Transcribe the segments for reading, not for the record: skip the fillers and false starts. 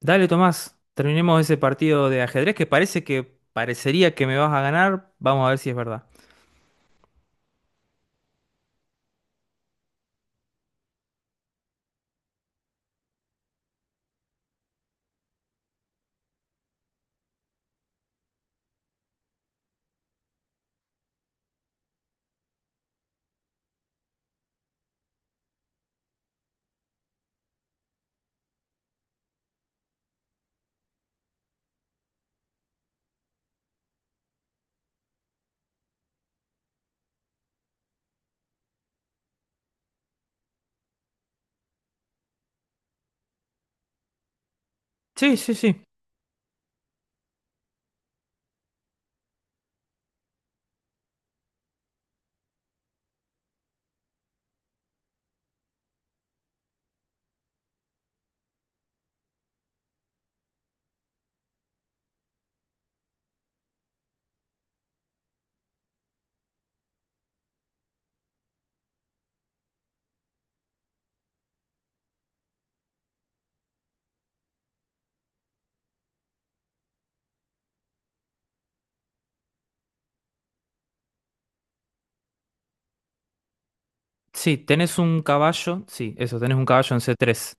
Dale, Tomás, terminemos ese partido de ajedrez que parecería que me vas a ganar. Vamos a ver si es verdad. Sí, sí, sí. Sí, tenés un caballo. Sí, eso, tenés un caballo en C3.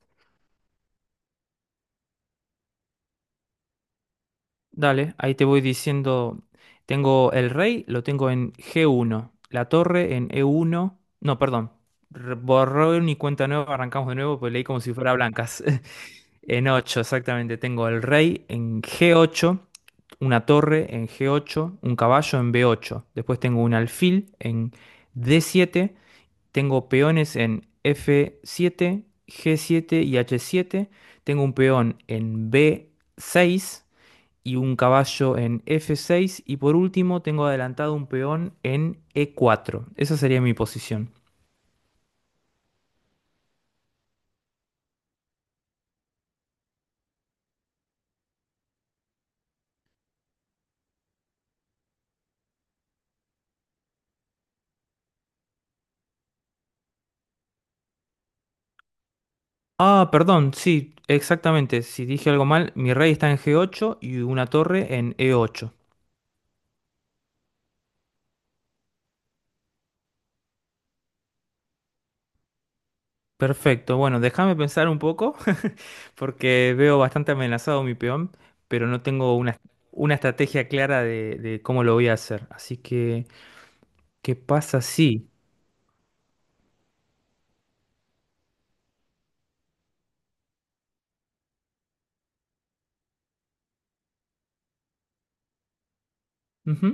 Dale, ahí te voy diciendo. Tengo el rey, lo tengo en G1. La torre en E1. No, perdón. Borrón y cuenta nueva, arrancamos de nuevo, pues leí como si fuera blancas. En 8 exactamente. Tengo el rey en G8, una torre en G8, un caballo en B8. Después tengo un alfil en D7. Tengo peones en F7, G7 y H7. Tengo un peón en B6 y un caballo en F6. Y por último, tengo adelantado un peón en E4. Esa sería mi posición. Ah, perdón, sí, exactamente. Si dije algo mal, mi rey está en G8 y una torre en E8. Perfecto, bueno, déjame pensar un poco, porque veo bastante amenazado mi peón, pero no tengo una estrategia clara de cómo lo voy a hacer. Así que, ¿qué pasa si? Ujú,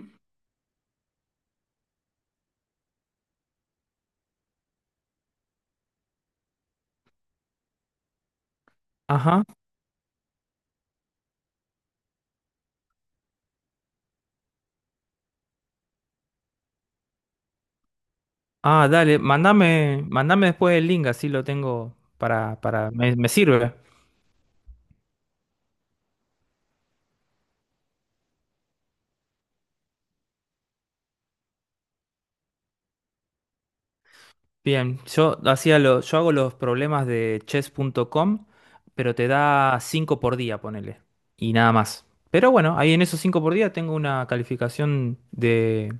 ajá. Ah, dale, mandame después el link, así lo tengo me sirve. Bien, yo hago los problemas de chess.com, pero te da 5 por día, ponele. Y nada más. Pero bueno, ahí en esos 5 por día tengo una calificación de,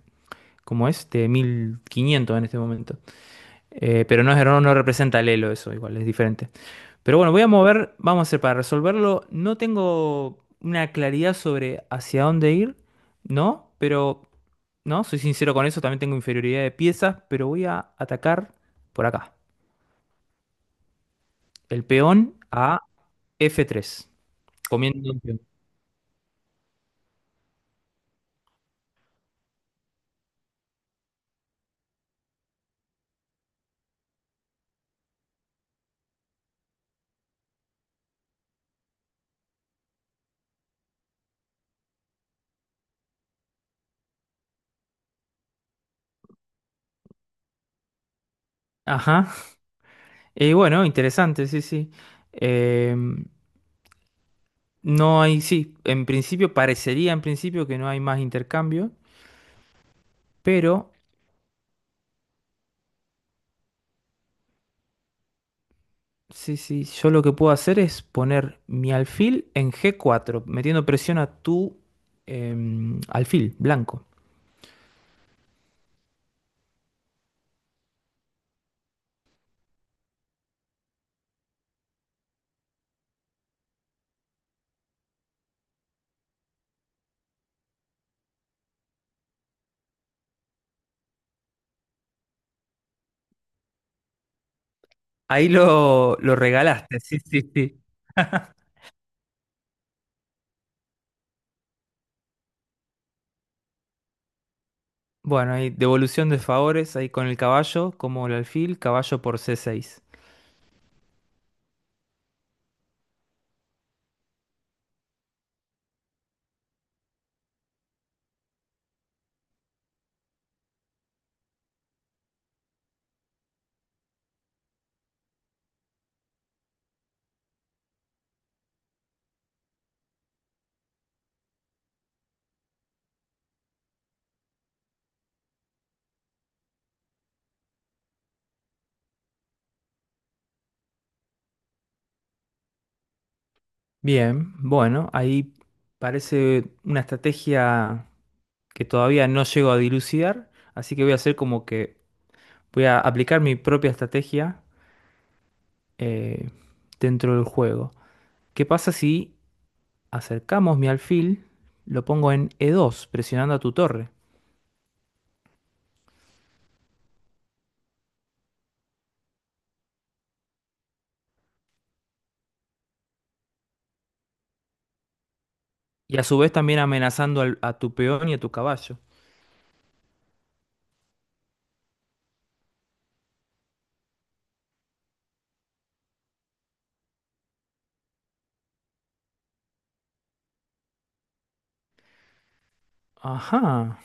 ¿cómo es? De 1500 en este momento. Pero no, no, no representa el Elo eso, igual, es diferente. Pero bueno, vamos a hacer para resolverlo. No tengo una claridad sobre hacia dónde ir, ¿no? Pero, ¿no? Soy sincero con eso, también tengo inferioridad de piezas, pero voy a atacar por acá. El peón a F3 comiendo un peón. Ajá. Y bueno, interesante, sí, sí. Eh, no hay, sí, en principio parecería en principio que no hay más intercambio, pero sí, sí, yo lo que puedo hacer es poner mi alfil en G4 metiendo presión a tu alfil blanco. Ahí lo regalaste, sí, sí, sí. Bueno, hay devolución de favores ahí con el caballo, como el alfil, caballo por C6. Bien, bueno, ahí parece una estrategia que todavía no llego a dilucidar, así que voy a hacer como que voy a aplicar mi propia estrategia eh, dentro del juego. ¿Qué pasa si acercamos mi alfil, lo pongo en E2, presionando a tu torre, y a su vez también amenazando a tu peón y a tu caballo? Ajá.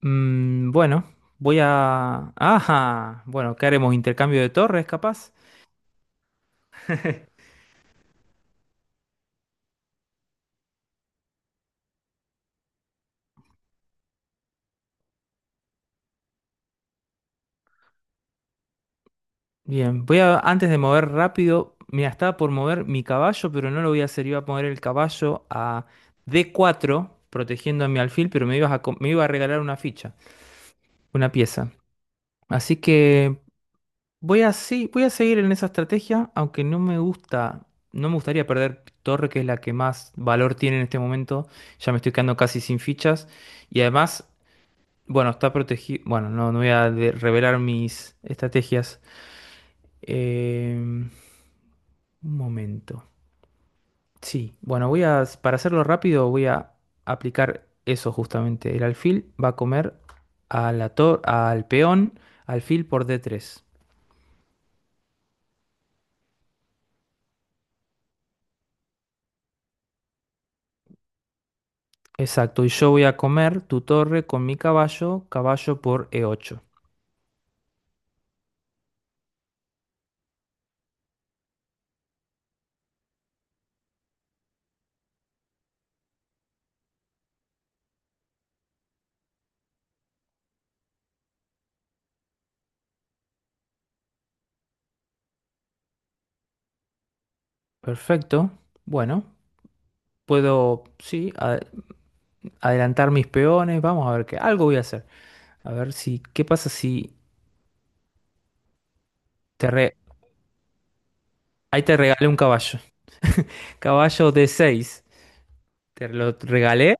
Bueno, voy a... Ajá. Bueno, ¿qué haremos? ¿Intercambio de torres, capaz? Bien, antes de mover rápido, mira, estaba por mover mi caballo, pero no lo voy a hacer, iba a poner el caballo a D4, protegiendo a mi alfil, pero me iba a regalar una ficha, una pieza. Así que voy a seguir en esa estrategia, aunque no me gustaría perder torre, que es la que más valor tiene en este momento. Ya me estoy quedando casi sin fichas. Y además, bueno, está protegido, bueno, no, no voy a revelar mis estrategias. Em, un momento. Sí, bueno, voy a, para hacerlo rápido, voy a aplicar eso justamente. El alfil va a comer al peón, alfil por D3. Exacto, y yo voy a comer tu torre con mi caballo, caballo por E8. Perfecto. Bueno, puedo, sí, adelantar mis peones. Vamos a ver qué. Algo voy a hacer. A ver si, ¿qué pasa si te re- ahí te regalé un caballo? Caballo D6. ¿Te lo regalé?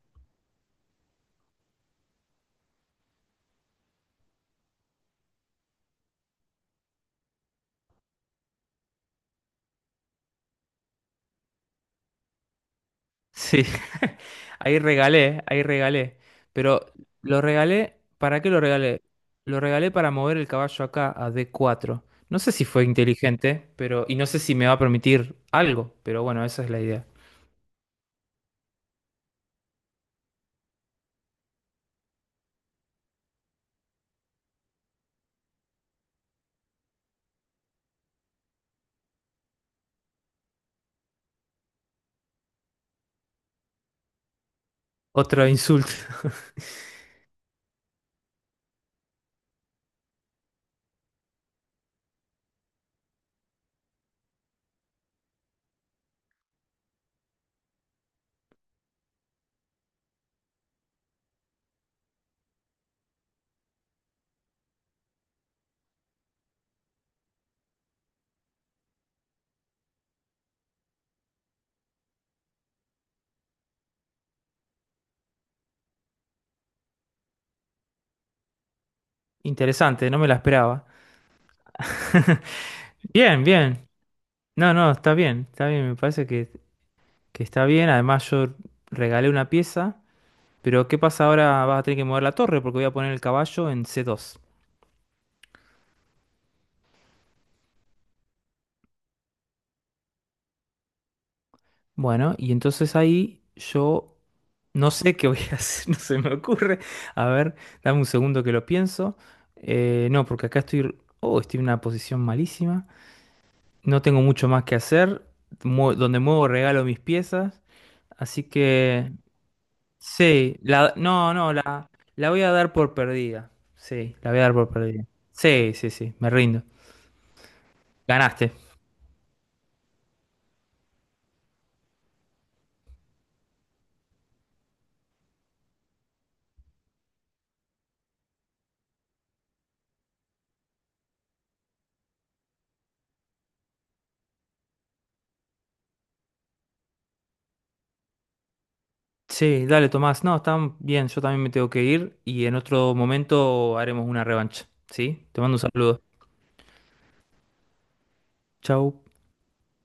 Sí. Ahí regalé, ahí regalé. Pero lo regalé, ¿para qué lo regalé? Lo regalé para mover el caballo acá a D4. No sé si fue inteligente, pero y no sé si me va a permitir algo, pero bueno, esa es la idea. Otro insulto. Interesante, no me la esperaba. Bien, bien. No, no, está bien, me parece que está bien. Además, yo regalé una pieza. Pero ¿qué pasa ahora? Vas a tener que mover la torre porque voy a poner el caballo en C2. Bueno, y entonces ahí yo no sé qué voy a hacer, no se me ocurre. A ver, dame un segundo que lo pienso. No, porque acá estoy... Oh, estoy en una posición malísima. No tengo mucho más que hacer. Donde muevo regalo mis piezas. Así que... Sí, la... No, no, la voy a dar por perdida. Sí, la voy a dar por perdida. Sí, sí, sí, me rindo. Ganaste. Sí, dale, Tomás. No, está bien, yo también me tengo que ir y en otro momento haremos una revancha. ¿Sí? Te mando un saludo. Chau.